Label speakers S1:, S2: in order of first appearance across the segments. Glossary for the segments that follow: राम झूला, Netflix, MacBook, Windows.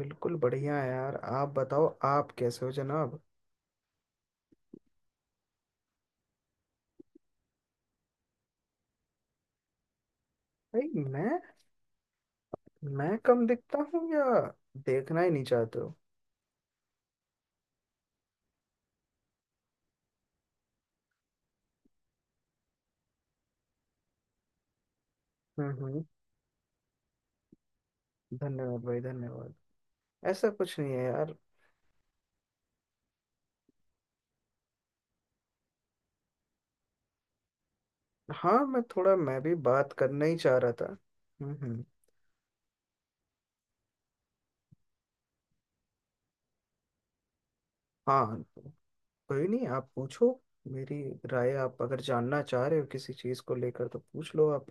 S1: बिल्कुल बढ़िया है यार। आप बताओ, आप कैसे हो जनाब? भाई, मैं मैं कम दिखता हूँ या देखना ही नहीं चाहते हो? हम्म। धन्यवाद भाई, धन्यवाद। ऐसा कुछ नहीं है यार। हाँ, मैं भी बात करना ही चाह रहा था। हम्म। हाँ, कोई नहीं, आप पूछो। मेरी राय आप अगर जानना चाह रहे हो किसी चीज़ को लेकर तो पूछ लो आप।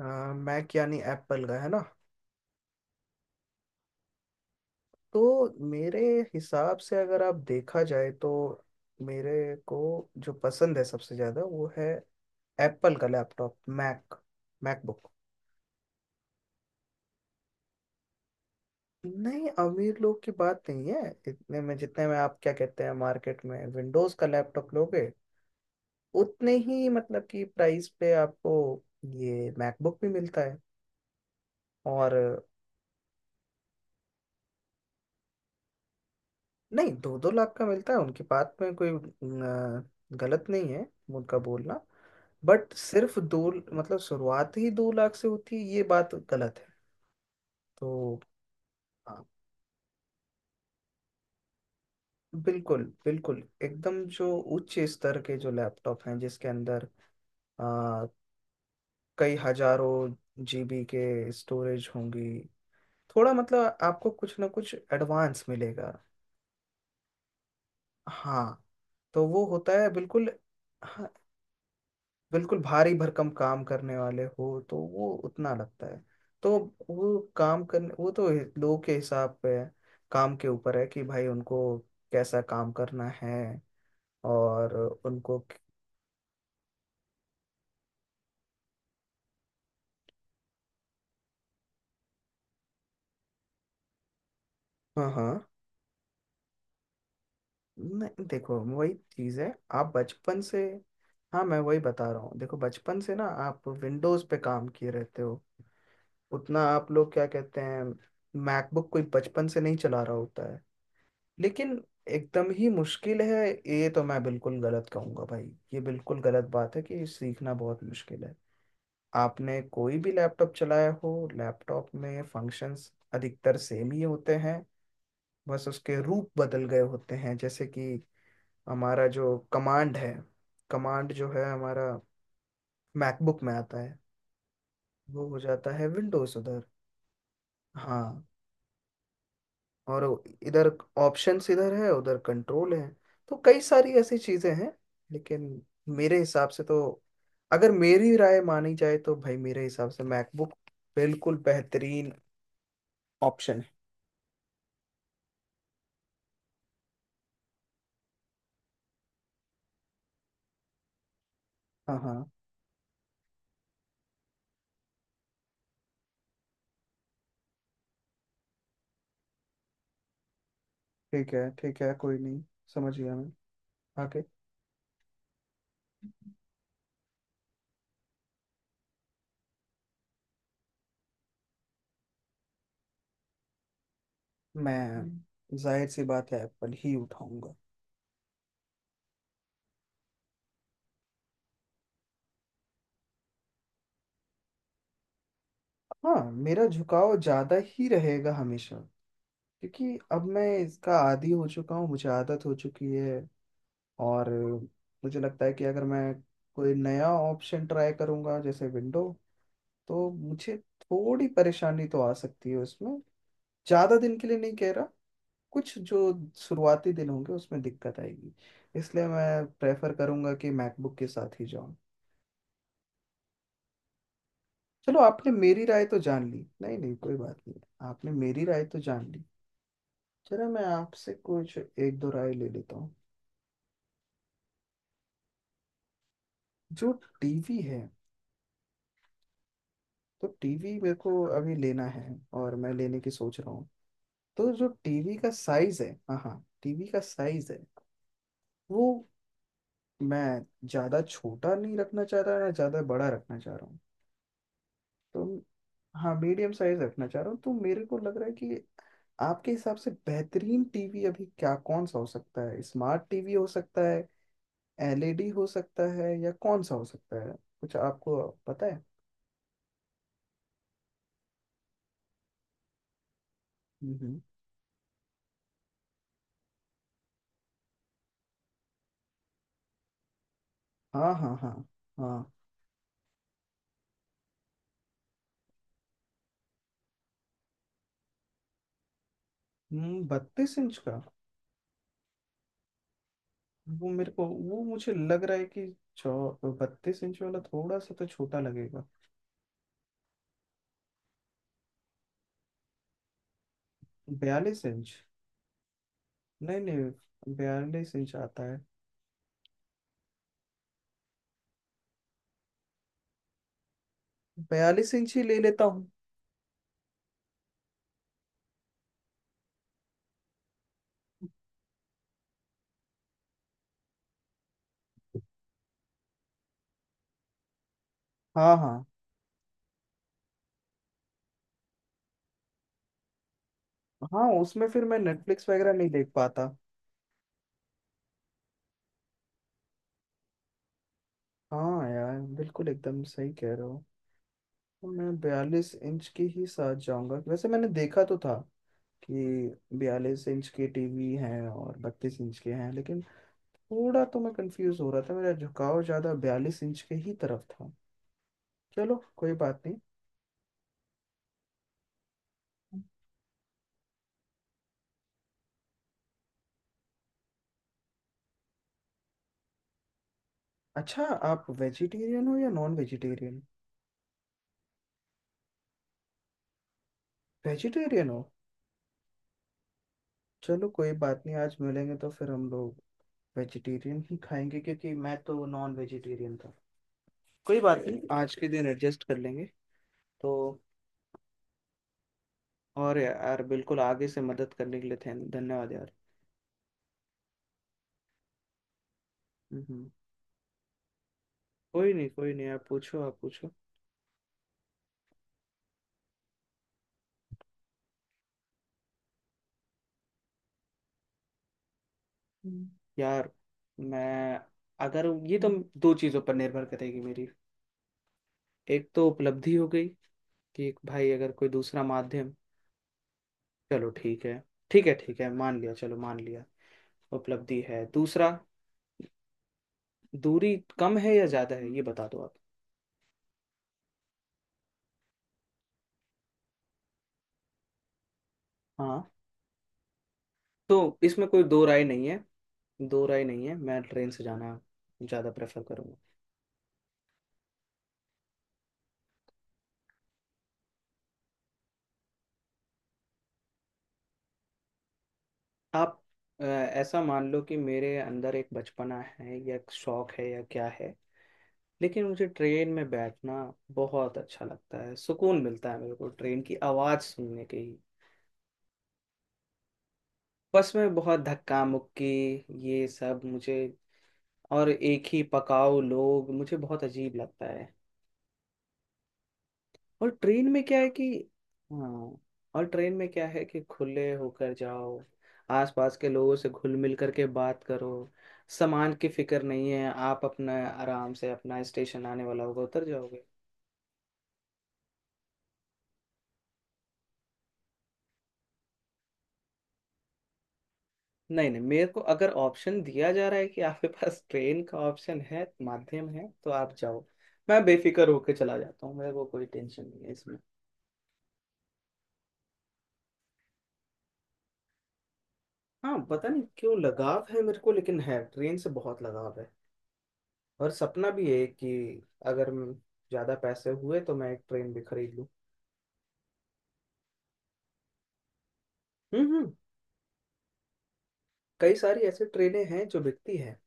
S1: मैक यानी एप्पल का है ना? तो मेरे हिसाब से, अगर आप देखा जाए तो, मेरे को जो पसंद है सबसे ज्यादा वो है एप्पल का लैपटॉप, मैक, मैकबुक। नहीं, अमीर लोग की बात नहीं है। इतने में, जितने में आप क्या कहते हैं मार्केट में विंडोज का लैपटॉप लोगे, उतने ही, मतलब कि प्राइस पे आपको ये मैकबुक भी मिलता है। और नहीं, दो दो लाख का मिलता है उनकी बात में कोई गलत नहीं है, उनका बोलना। बट सिर्फ दो, मतलब शुरुआत ही दो लाख से होती है, ये बात गलत है। तो हाँ, बिल्कुल बिल्कुल, एकदम जो उच्च स्तर के जो लैपटॉप हैं जिसके अंदर आ, कई हजारों जीबी के स्टोरेज होंगी, थोड़ा मतलब आपको कुछ ना कुछ एडवांस मिलेगा। हाँ, तो वो होता है बिल्कुल। हाँ, बिल्कुल भारी भरकम काम करने वाले हो तो वो उतना लगता है। तो वो काम करने, वो तो लोगों के हिसाब पे है, काम के ऊपर है कि भाई उनको कैसा काम करना है। और उनको। हाँ हाँ। नहीं, देखो वही चीज़ है। आप बचपन से, हाँ मैं वही बता रहा हूँ, देखो बचपन से ना आप विंडोज़ पे काम किए रहते हो। उतना आप लोग क्या कहते हैं, मैकबुक कोई बचपन से नहीं चला रहा होता है। लेकिन एकदम ही मुश्किल है, ये तो मैं बिल्कुल गलत कहूंगा भाई। ये बिल्कुल गलत बात है कि सीखना बहुत मुश्किल है। आपने कोई भी लैपटॉप चलाया हो, लैपटॉप में फंक्शंस अधिकतर सेम ही होते हैं, बस उसके रूप बदल गए होते हैं। जैसे कि हमारा जो कमांड है, कमांड जो है हमारा मैकबुक में आता है, वो हो जाता है विंडोज उधर। हाँ। और इधर ऑप्शंस इधर है, उधर कंट्रोल है। तो कई सारी ऐसी चीजें हैं। लेकिन मेरे हिसाब से तो, अगर मेरी राय मानी जाए तो भाई, मेरे हिसाब से मैकबुक बिल्कुल बेहतरीन ऑप्शन है। हाँ हाँ। ठीक है ठीक है, कोई नहीं, समझ गया मैं। आगे? मैं, जाहिर सी बात है, एप्पल ही उठाऊंगा। हाँ, मेरा झुकाव ज्यादा ही रहेगा हमेशा, क्योंकि अब मैं इसका आदी हो चुका हूँ, मुझे आदत हो चुकी है। और मुझे लगता है कि अगर मैं कोई नया ऑप्शन ट्राई करूंगा जैसे विंडो, तो मुझे थोड़ी परेशानी तो आ सकती है उसमें। ज़्यादा दिन के लिए नहीं कह रहा, कुछ जो शुरुआती दिन होंगे उसमें दिक्कत आएगी। इसलिए मैं प्रेफर करूंगा कि मैकबुक के साथ ही जाऊं। चलो, आपने मेरी राय तो जान ली। नहीं नहीं, कोई बात नहीं। आपने मेरी राय तो जान ली, चलो मैं आपसे कुछ एक दो राय ले लेता हूँ। जो टीवी है, तो टीवी मेरे को अभी लेना है और मैं लेने की सोच रहा हूँ। तो जो टीवी का साइज है, हाँ हाँ, टीवी का साइज है वो मैं ज्यादा छोटा नहीं रखना चाह रहा, ना ज्यादा बड़ा रखना चाह रहा हूँ। तो हाँ, मीडियम साइज रखना चाह रहा हूँ, तो मेरे को लग रहा है कि आपके हिसाब से बेहतरीन टीवी अभी क्या, कौन सा हो सकता है? स्मार्ट टीवी हो सकता है, एलईडी हो सकता है, या कौन सा हो सकता है? कुछ आपको पता है? हम्म हम्म। हाँ हाँ हाँ हाँ। 32 इंच का? वो मेरे को, वो मुझे लग रहा है कि चौ 32 इंच वाला थोड़ा सा तो छोटा लगेगा। 42 इंच। नहीं नहीं, 42 इंच आता है। 42 इंच ही ले लेता हूँ। हाँ हाँ हाँ। उसमें फिर मैं नेटफ्लिक्स वगैरह नहीं देख पाता। हाँ यार, बिल्कुल एकदम सही कह रहे हो। तो मैं 42 इंच के ही साथ जाऊंगा। वैसे मैंने देखा तो था कि 42 इंच के टीवी हैं और 32 इंच के हैं, लेकिन थोड़ा तो मैं कंफ्यूज हो रहा था। मेरा झुकाव ज़्यादा 42 इंच के ही तरफ था। चलो कोई बात नहीं। अच्छा, आप वेजिटेरियन हो या नॉन वेजिटेरियन? वेजिटेरियन हो? चलो कोई बात नहीं, आज मिलेंगे तो फिर हम लोग वेजिटेरियन ही खाएंगे, क्योंकि मैं तो नॉन वेजिटेरियन था। कोई बात नहीं, आज के दिन एडजस्ट कर लेंगे। तो, और यार, बिल्कुल, आगे से मदद करने के लिए धन्यवाद यार। हम्म। कोई नहीं कोई नहीं, आप पूछो आप पूछो। हम्म, यार, मैं, अगर ये तो, दो चीज़ों पर निर्भर करेगी मेरी। एक तो उपलब्धि हो गई, कि एक, भाई अगर कोई दूसरा माध्यम। चलो ठीक है, ठीक है ठीक है, मान लिया, चलो मान लिया। उपलब्धि है, दूसरा दूरी कम है या ज्यादा है ये बता दो आप। हाँ, तो इसमें कोई दो राय नहीं है। दो राय नहीं है, मैं ट्रेन से जाना ज्यादा प्रेफर करूंगा। आप ऐसा मान लो कि मेरे अंदर एक बचपना है, या एक शौक है, या क्या है, लेकिन मुझे ट्रेन में बैठना बहुत अच्छा लगता है। सुकून मिलता है मेरे को ट्रेन की आवाज़ सुनने के ही। बस में बहुत धक्का मुक्की, ये सब मुझे, और एक ही पकाओ लोग, मुझे बहुत अजीब लगता है। और ट्रेन में क्या है कि, हाँ, और ट्रेन में क्या है कि खुले होकर जाओ, आसपास के लोगों से घुल मिल करके बात करो, सामान की फिक्र नहीं है, आप अपना आराम से, अपना स्टेशन आने वाला होगा उतर जाओगे। नहीं नहीं, मेरे को अगर ऑप्शन दिया जा रहा है कि आपके पास ट्रेन का ऑप्शन है, माध्यम है, तो आप जाओ। मैं बेफिक्र होकर चला जाता हूँ, मेरे को कोई टेंशन नहीं है इसमें। हाँ, पता नहीं क्यों लगाव है मेरे को, लेकिन है, ट्रेन से बहुत लगाव है। और सपना भी है कि, अगर ज्यादा पैसे हुए तो मैं एक ट्रेन भी खरीद लूँ। हम्म। कई सारी ऐसे ट्रेनें हैं जो बिकती हैं।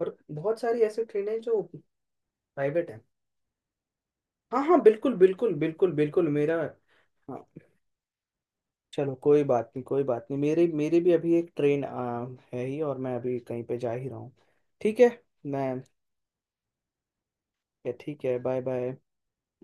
S1: और बहुत सारी ऐसे ट्रेनें हैं जो प्राइवेट हैं। हाँ हाँ, बिल्कुल बिल्कुल बिल्कुल बिल्कुल मेरा। हाँ। चलो कोई बात नहीं, कोई बात नहीं, मेरी मेरी भी अभी एक ट्रेन है ही, और मैं अभी कहीं पे जा ही रहा हूँ। ठीक है। मैं। ठीक है, बाय बाय।